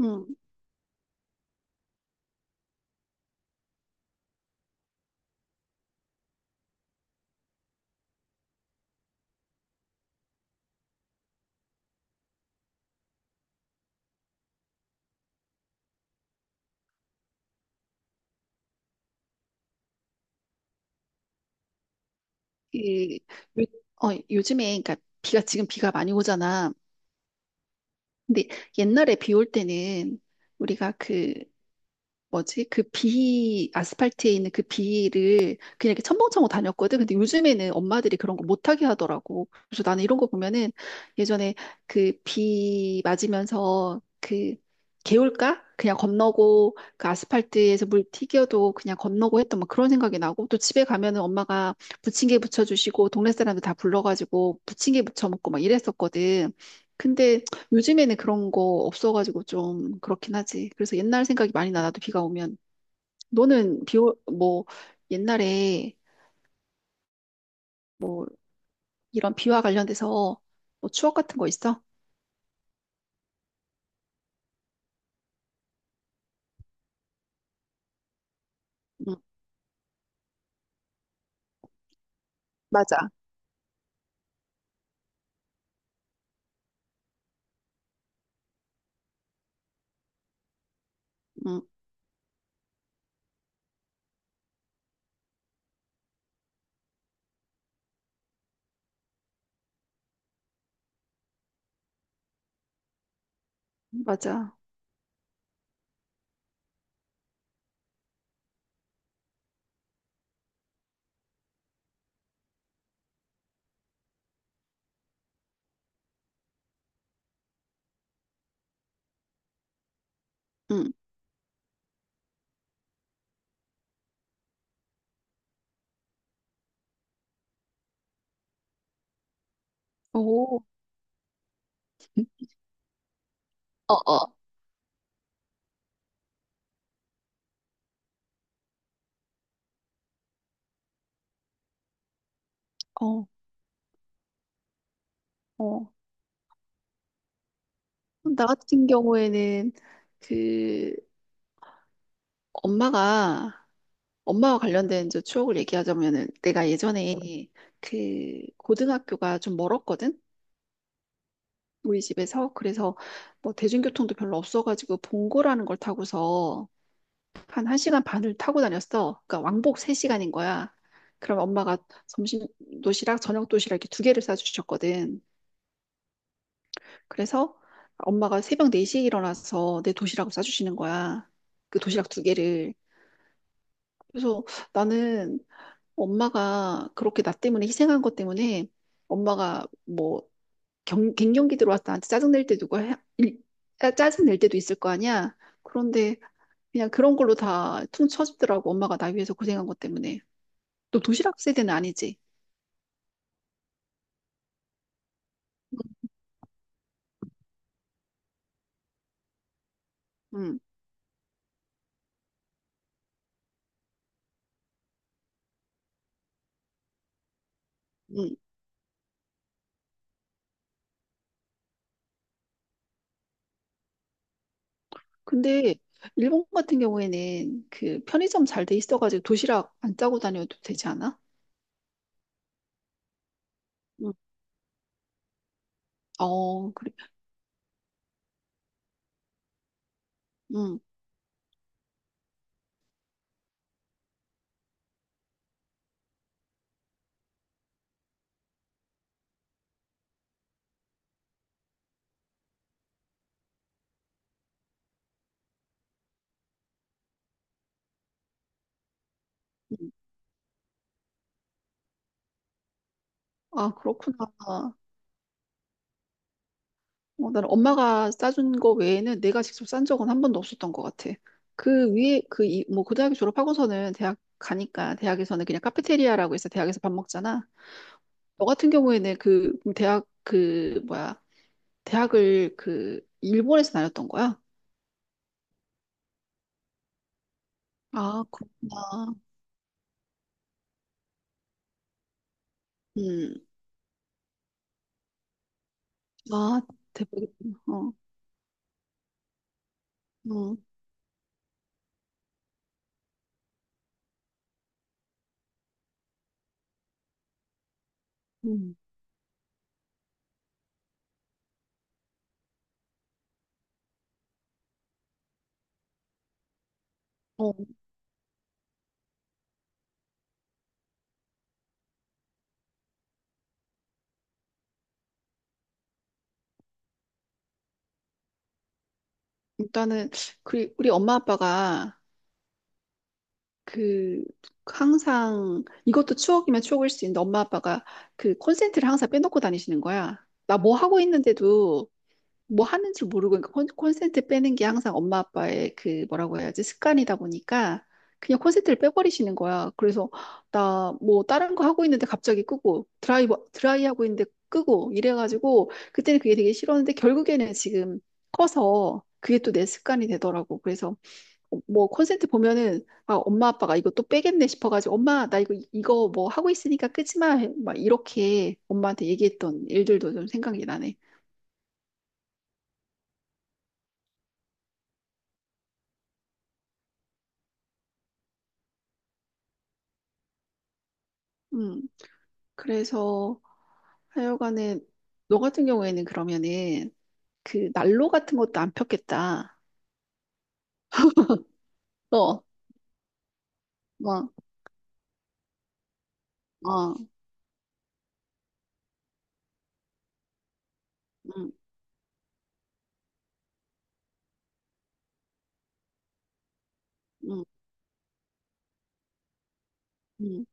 음, 이, 요, 요즘에, 그러니까 지금 비가 많이 오잖아. 근데 옛날에 비 올 때는 우리가 그 뭐지? 아스팔트에 있는 그 비를 그냥 이렇게 첨벙첨벙 다녔거든. 근데 요즘에는 엄마들이 그런 거 못하게 하더라고. 그래서 나는 이런 거 보면은 예전에 그 비 맞으면서 그 개울가? 그냥 건너고 그 아스팔트에서 물 튀겨도 그냥 건너고 했던 뭐 그런 생각이 나고, 또 집에 가면은 엄마가 부침개 부쳐주시고 동네 사람들 다 불러가지고 부침개 부쳐 먹고 막 이랬었거든. 근데 요즘에는 그런 거 없어가지고 좀 그렇긴 하지. 그래서 옛날 생각이 많이 나, 나도 비가 오면. 너는 옛날에 이런 비와 관련돼서 뭐 추억 같은 거 있어? 응, 맞아. 응, 맞아. 응. 오, 어, 어. 어, 어. 나 같은 경우에는 그 엄마가, 엄마와 관련된 저 추억을 얘기하자면은, 내가 예전에 그 고등학교가 좀 멀었거든? 우리 집에서. 그래서 뭐 대중교통도 별로 없어가지고 봉고라는 걸 타고서 한 1시간 반을 타고 다녔어. 그러니까 왕복 3시간인 거야. 그럼 엄마가 점심 도시락, 저녁 도시락 이렇게 두 개를 싸주셨거든. 그래서 엄마가 새벽 4시에 일어나서 내 도시락을 싸주시는 거야. 그 도시락 두 개를. 그래서 나는, 엄마가 그렇게 나 때문에 희생한 것 때문에, 엄마가 뭐 갱년기 들어와서 나한테 짜증낼 때, 누가 해, 짜증낼 때도 있을 거 아니야. 그런데 그냥 그런 걸로 다 퉁쳐주더라고. 엄마가 나 위해서 고생한 것 때문에. 또 도시락 세대는 아니지. 응, 응. 근데 일본 같은 경우에는 그 편의점 잘 돼 있어가지고 도시락 안 짜고 다녀도 되지 않아? 응. 어, 그래. 응. 응. 아, 그렇구나. 나는 엄마가 싸준 거 외에는 내가 직접 싼 적은 한 번도 없었던 것 같아. 그 위에, 그, 이, 뭐, 고등학교 졸업하고서는 대학 가니까, 대학에서는 그냥 카페테리아라고 해서 대학에서 밥 먹잖아. 너 같은 경우에는 대학을 일본에서 다녔던 거야? 아, 그렇구나. 음, 아, 대박이다. 어, 음, 음. 어, 일단은, 그, 우리 엄마 아빠가, 그 항상 이것도 추억이면 추억일 수 있는데, 엄마 아빠가 그 콘센트를 항상 빼놓고 다니시는 거야. 나 뭐 하고 있는데도 뭐 하는 줄 모르고, 그러니까 콘센트 빼는 게 항상 엄마 아빠의 그 뭐라고 해야지, 습관이다 보니까 그냥 콘센트를 빼버리시는 거야. 그래서 나 뭐 다른 거 하고 있는데 갑자기 끄고, 드라이 하고 있는데 끄고 이래가지고, 그때는 그게 되게 싫었는데 결국에는 지금 커서 그게 또 내 습관이 되더라고. 그래서 뭐 콘센트 보면은 아, 엄마 아빠가 이거 또 빼겠네 싶어가지고, 엄마 나 이거 이거 뭐 하고 있으니까 끄지마, 막 이렇게 엄마한테 얘기했던 일들도 좀 생각이 나네. 음 그래서 하여간에, 너 같은 경우에는 그러면은 그 난로 같은 것도 안 폈겠다. 어, 막, 어, 음, 음, 음,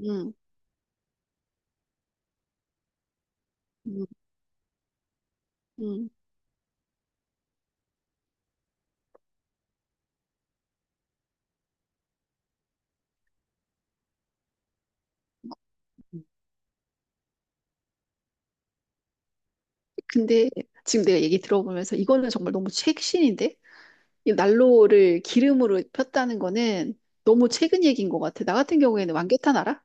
음, 음, 음. 음. 근데 지금 내가 얘기 들어보면서, 이거는 정말 너무 최신인데? 이 난로를 기름으로 폈다는 거는 너무 최근 얘기인 것 같아. 나 같은 경우에는 왕겨탄 알아?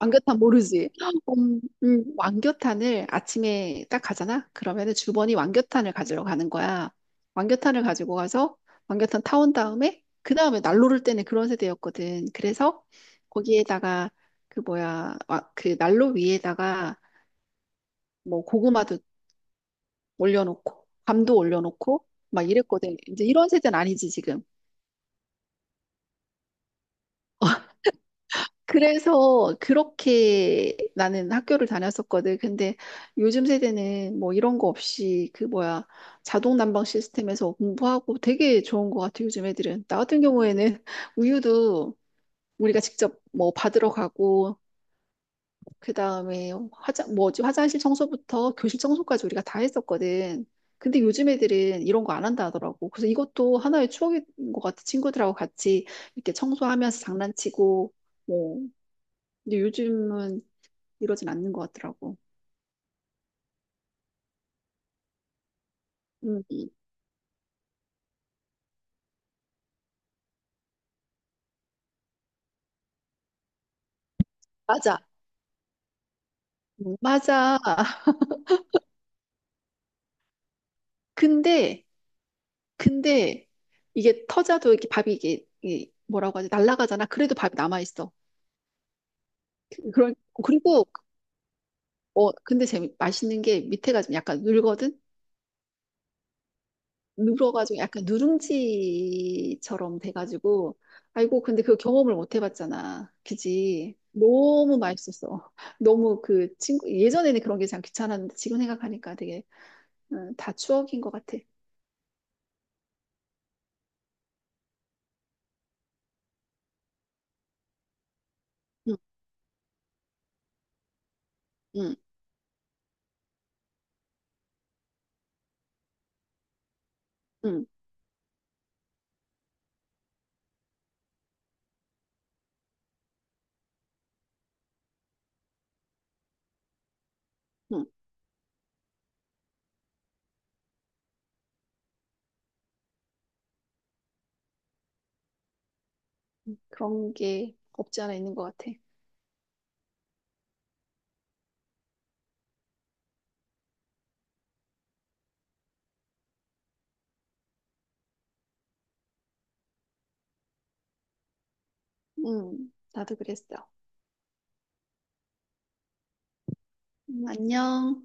왕겨탄 모르지? 왕겨탄을 아침에 딱 가잖아? 그러면은 주번이 왕겨탄을 가지러 가는 거야. 왕겨탄을 가지고 가서 왕겨탄 타온 다음에, 그 다음에 난로를 때는 그런 세대였거든. 그래서 거기에다가 그 뭐야, 그 난로 위에다가 뭐 고구마도 올려놓고 밤도 올려놓고 막 이랬거든. 이제 이런 세대는 아니지 지금. 그래서 그렇게 나는 학교를 다녔었거든. 근데 요즘 세대는 뭐 이런 거 없이 그 뭐야, 자동 난방 시스템에서 공부하고, 되게 좋은 것 같아, 요즘 애들은. 나 같은 경우에는 우유도 우리가 직접 뭐 받으러 가고, 그 다음에 화장 뭐지, 화장실 청소부터 교실 청소까지 우리가 다 했었거든. 근데 요즘 애들은 이런 거 안 한다 하더라고. 그래서 이것도 하나의 추억인 것 같아. 친구들하고 같이 이렇게 청소하면서 장난치고 뭐. 근데 요즘은 이러진 않는 것 같더라고. 음, 맞아. 맞아. 근데 근데 이게 터져도, 이게 밥이 이게 뭐라고 하지? 날아가잖아. 그래도 밥이 남아 있어. 그런 그리고 근데 재미 맛있는 게 밑에가 좀 약간 눌거든. 눌어가지고 약간 누룽지처럼 돼가지고. 아이고, 근데 그 경험을 못 해봤잖아. 그지? 너무 맛있었어. 너무 그 친구 예전에는 그런 게 참 귀찮았는데 지금 생각하니까 되게. 다 추억인 것 같아. 응, 응. 응, 응. 그런 게 없지 않아 있는 것 같아. 응, 나도 그랬어. 안녕.